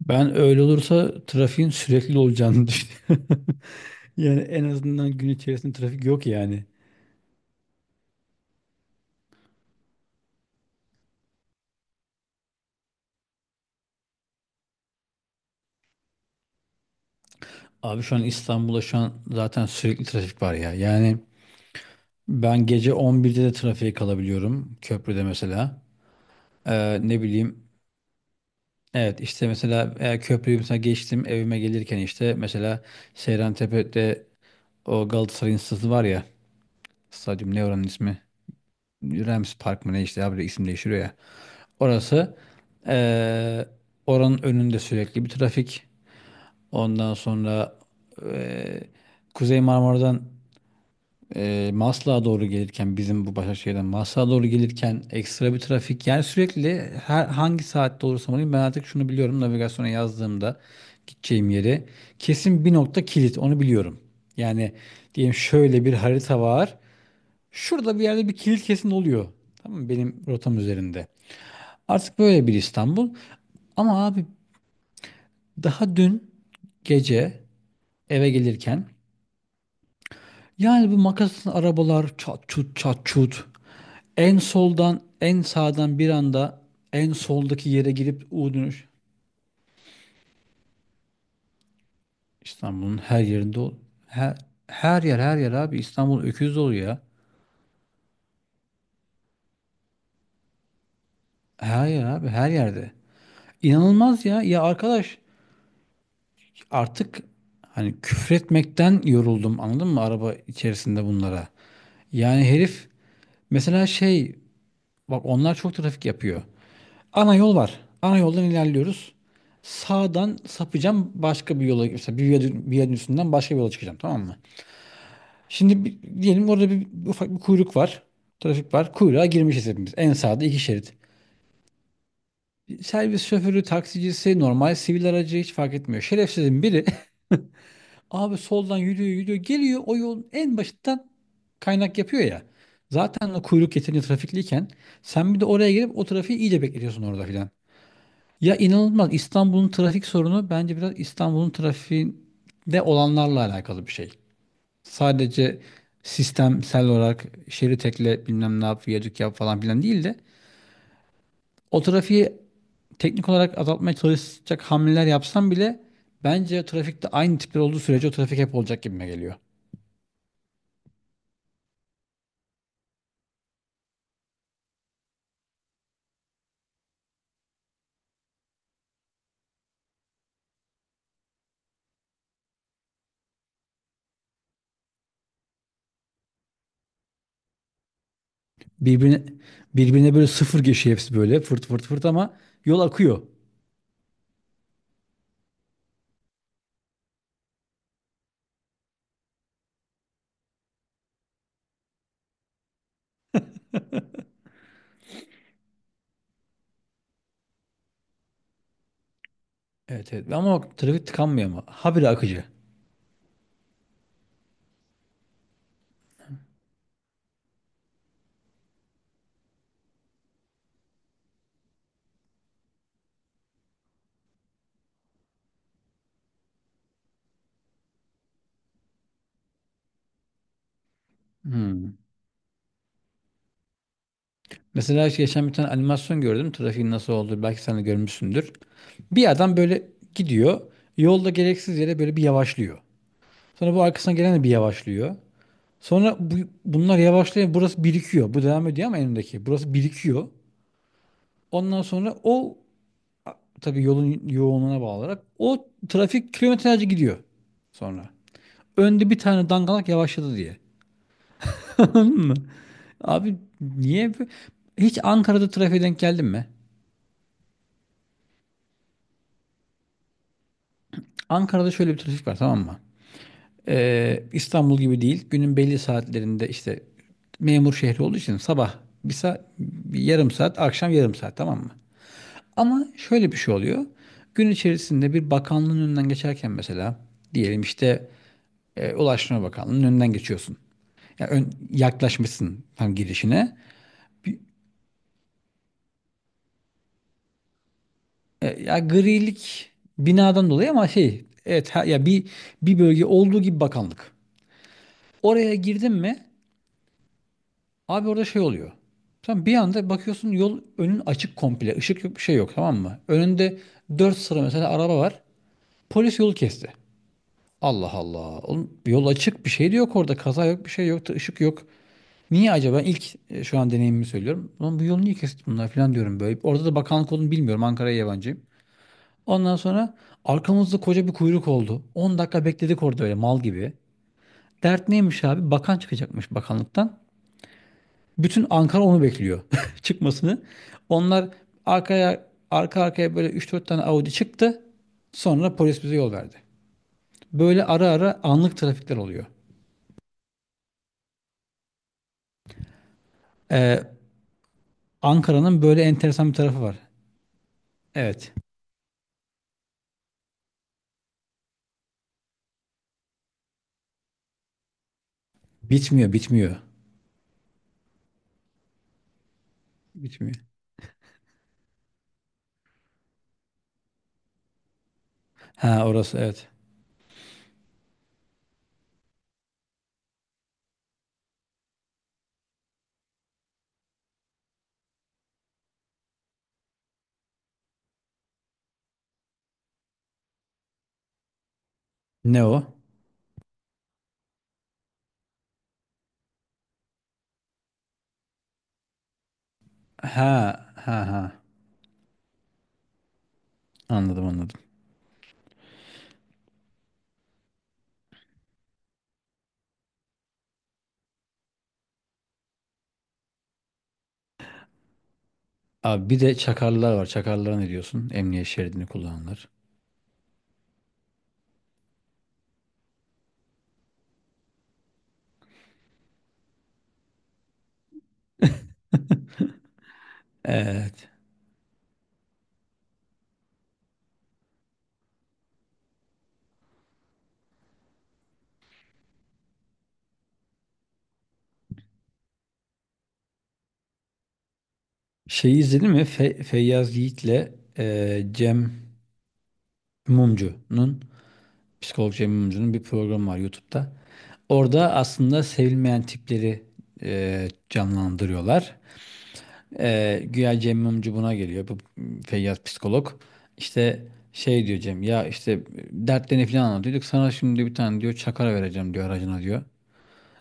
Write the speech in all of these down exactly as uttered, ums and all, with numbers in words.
Ben öyle olursa trafiğin sürekli olacağını düşünüyorum. Yani en azından gün içerisinde trafik yok yani. Abi şu an İstanbul'da şu an zaten sürekli trafik var ya. Yani ben gece on birde de trafiğe kalabiliyorum köprüde mesela. Ee, ne bileyim evet işte mesela e, köprüyü mesela geçtim evime gelirken işte mesela Seyrantepe'de o Galatasaray stadı var ya, stadyum, ne oranın ismi? Rams Park mı ne işte, abi isim değiştiriyor ya. Orası, eee, oranın önünde sürekli bir trafik. Ondan sonra eee, Kuzey Marmara'dan eee Maslak'a doğru gelirken bizim bu Başakşehir'den Maslak'a doğru gelirken ekstra bir trafik. Yani sürekli her hangi saatte olursam olayım ben artık şunu biliyorum, navigasyona yazdığımda gideceğim yeri kesin bir nokta kilit onu biliyorum. Yani diyelim şöyle bir harita var. Şurada bir yerde bir kilit kesin oluyor. Tamam mı? Benim rotam üzerinde. Artık böyle bir İstanbul. Ama abi daha dün gece eve gelirken yani, bu makaslı arabalar, çat çut çat çut. En soldan en sağdan bir anda en soldaki yere girip U dönüş. İstanbul'un her yerinde ol. Her, her yer her yer abi, İstanbul öküz dolu ya. Her yer abi, her yerde. İnanılmaz ya. Ya arkadaş, artık hani küfretmekten yoruldum, anladın mı, araba içerisinde bunlara. Yani herif mesela şey, bak, onlar çok trafik yapıyor. Ana yol var. Ana yoldan ilerliyoruz. Sağdan sapacağım başka bir yola, mesela bir viyadü- viyadünün üstünden başka bir yola çıkacağım, tamam mı? Şimdi bir- diyelim orada bir, bir ufak bir kuyruk var. Trafik var. Kuyruğa girmişiz hepimiz. En sağda iki şerit. Servis şoförü, taksicisi, normal sivil aracı hiç fark etmiyor. Şerefsizin biri. Abi soldan yürüyor yürüyor geliyor, o yolun en başından kaynak yapıyor ya. Zaten o kuyruk yeterince trafikliyken sen bir de oraya gelip o trafiği iyice bekletiyorsun orada filan. Ya inanılmaz, İstanbul'un trafik sorunu bence biraz İstanbul'un trafiğinde olanlarla alakalı bir şey. Sadece sistemsel olarak şerit ekle bilmem ne yap viyadük yap falan filan değil de, o trafiği teknik olarak azaltmaya çalışacak hamleler yapsam bile bence trafikte aynı tipler olduğu sürece o trafik hep olacak gibime geliyor. Birbirine, birbirine böyle sıfır geçiyor hepsi, böyle fırt fırt fırt, ama yol akıyor. Evet evet, ama o trafik tıkanmıyor ama habire akıcı. Hmm. Mesela işte geçen bir tane animasyon gördüm trafiğin nasıl olduğu, belki sen de görmüşsündür. Bir adam böyle gidiyor yolda, gereksiz yere böyle bir yavaşlıyor. Sonra bu arkasına gelen de bir yavaşlıyor. Sonra bu, bunlar yavaşlıyor, burası birikiyor. Bu devam ediyor ama önündeki, burası birikiyor. Ondan sonra o, tabii yolun yoğunluğuna bağlı olarak, o trafik kilometrelerce gidiyor sonra. Önde bir tane dangalak yavaşladı diye. Anladın mı? Abi niye, bu- hiç Ankara'da trafiğe denk geldin mi? Ankara'da şöyle bir trafik var, tamam mı? Ee, İstanbul gibi değil. Günün belli saatlerinde işte, memur şehri olduğu için, sabah bir saat, bir yarım saat, akşam yarım saat, tamam mı? Ama şöyle bir şey oluyor. Gün içerisinde bir bakanlığın önünden geçerken mesela, diyelim işte e, Ulaştırma Bakanlığı'nın önünden geçiyorsun. Ya ön, yaklaşmışsın tam girişine. Bir. E, Ya, grilik binadan dolayı ama şey, evet, ha- ya bir bir bölge olduğu gibi bakanlık. Oraya girdin mi abi, orada şey oluyor. Sen bir anda bakıyorsun yol, önün açık komple. Işık yok, bir şey yok, tamam mı? Önünde dört sıra mesela araba var. Polis yolu kesti. Allah Allah. Oğlum, yol açık, bir şey de yok orada. Kaza yok, bir şey yok, da ışık yok. Niye acaba? İlk, e, şu an deneyimimi söylüyorum, ulan bu yolu niye kesti bunlar falan diyorum böyle. Orada da bakanlık olduğunu bilmiyorum, Ankara'ya yabancıyım. Ondan sonra arkamızda koca bir kuyruk oldu. On dakika bekledik orada öyle mal gibi. Dert neymiş abi? Bakan çıkacakmış bakanlıktan. Bütün Ankara onu bekliyor çıkmasını. Onlar arkaya arka arkaya böyle üç dört tane Audi çıktı. Sonra polis bize yol verdi. Böyle ara ara anlık trafikler oluyor. Ee, Ankara'nın böyle enteresan bir tarafı var. Evet. Bitmiyor, bitmiyor. Bitmiyor. Ha, orası evet. Ne o? Ha ha ha. Anladım anladım. Abi bir de çakarlar var. Çakarlara ne diyorsun? Emniyet şeridini kullananlar. Evet. Şeyi izledin mi? Fe- Feyyaz Yiğit'le e, Cem Mumcu'nun psikolog Cem Mumcu'nun bir programı var YouTube'da. Orada aslında sevilmeyen tipleri e, canlandırıyorlar. E, güya Cem Mumcu buna geliyor. Bu Feyyaz psikolog. İşte, şey diyor Cem, ya işte dertlerini falan anlatıyorduk, sana şimdi bir tane diyor çakara vereceğim diyor aracına diyor.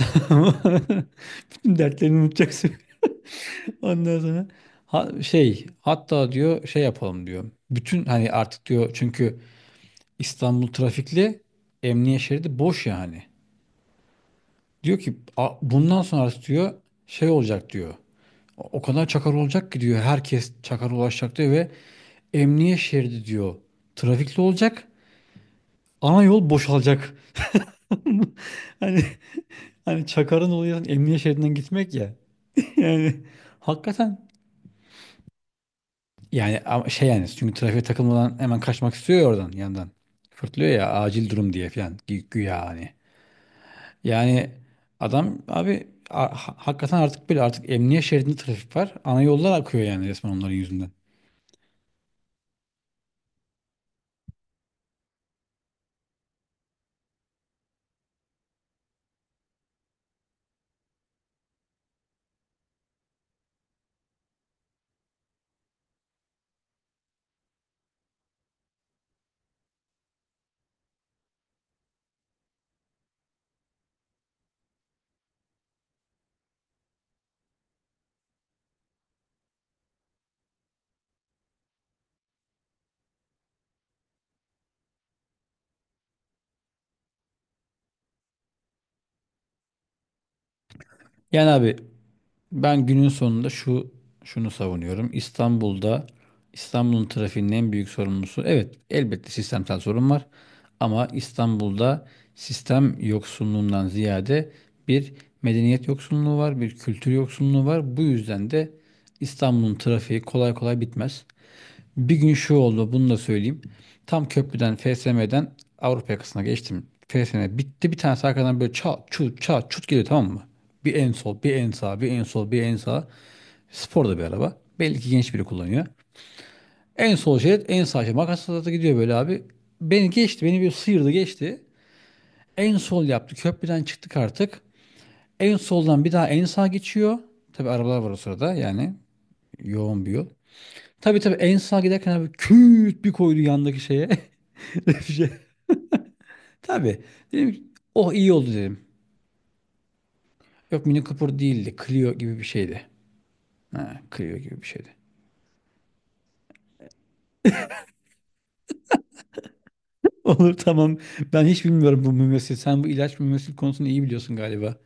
Bütün dertlerini unutacaksın. Ondan sonra ha- şey, hatta diyor şey yapalım diyor. Bütün, hani artık diyor, çünkü İstanbul trafikli, emniyet şeridi boş yani. Diyor ki, "A- Bundan sonra diyor şey olacak diyor. O o kadar çakar olacak ki diyor, herkes çakar ulaşacak diyor ve emniyet şeridi diyor trafikli olacak. Ana yol boşalacak." Hani, hani çakarın olayı emniyet şeridinden gitmek ya. Yani, hakikaten. Yani ama, şey yani, çünkü trafiğe takılmadan hemen kaçmak istiyor ya, oradan yandan. Fırtlıyor ya, acil durum diye falan, gü- güya hani. Yani adam abi, a- ha- hakikaten artık böyle, artık emniyet şeridinde trafik var. Ana yollar akıyor, yani resmen onların yüzünden. Yani abi, ben günün sonunda şu şunu savunuyorum. İstanbul'da İstanbul'un trafiğinin en büyük sorumlusu, evet elbette sistemsel sorun var, ama İstanbul'da sistem yoksunluğundan ziyade bir medeniyet yoksunluğu var, bir kültür yoksunluğu var. Bu yüzden de İstanbul'un trafiği kolay kolay bitmez. Bir gün şu oldu, bunu da söyleyeyim. Tam köprüden F S M'den Avrupa yakasına geçtim. F S M bitti, bir tanesi arkadan böyle çat çut çat çut geliyor, tamam mı? Bir en sol, bir en sağ, bir en sol, bir en sağ. Spor da bir araba, belli ki genç biri kullanıyor. En sol şerit, en sağ şerit. Makasla da gidiyor böyle abi. Beni geçti, beni bir sıyırdı geçti. En sol yaptı, köprüden çıktık artık. En soldan bir daha en sağ geçiyor. Tabi arabalar var o sırada yani, yoğun bir yol. Tabi tabi, en sağa giderken abi küt bir koydu yandaki şeye. Bir şey. Tabii. Dedim ki, oh iyi oldu dedim. Yok, Mini Cooper değildi. Clio gibi bir şeydi. Ha, Clio gibi bir şeydi. Olur, tamam. Ben hiç bilmiyorum bu mümessil. Sen bu ilaç mümessil konusunu iyi biliyorsun galiba.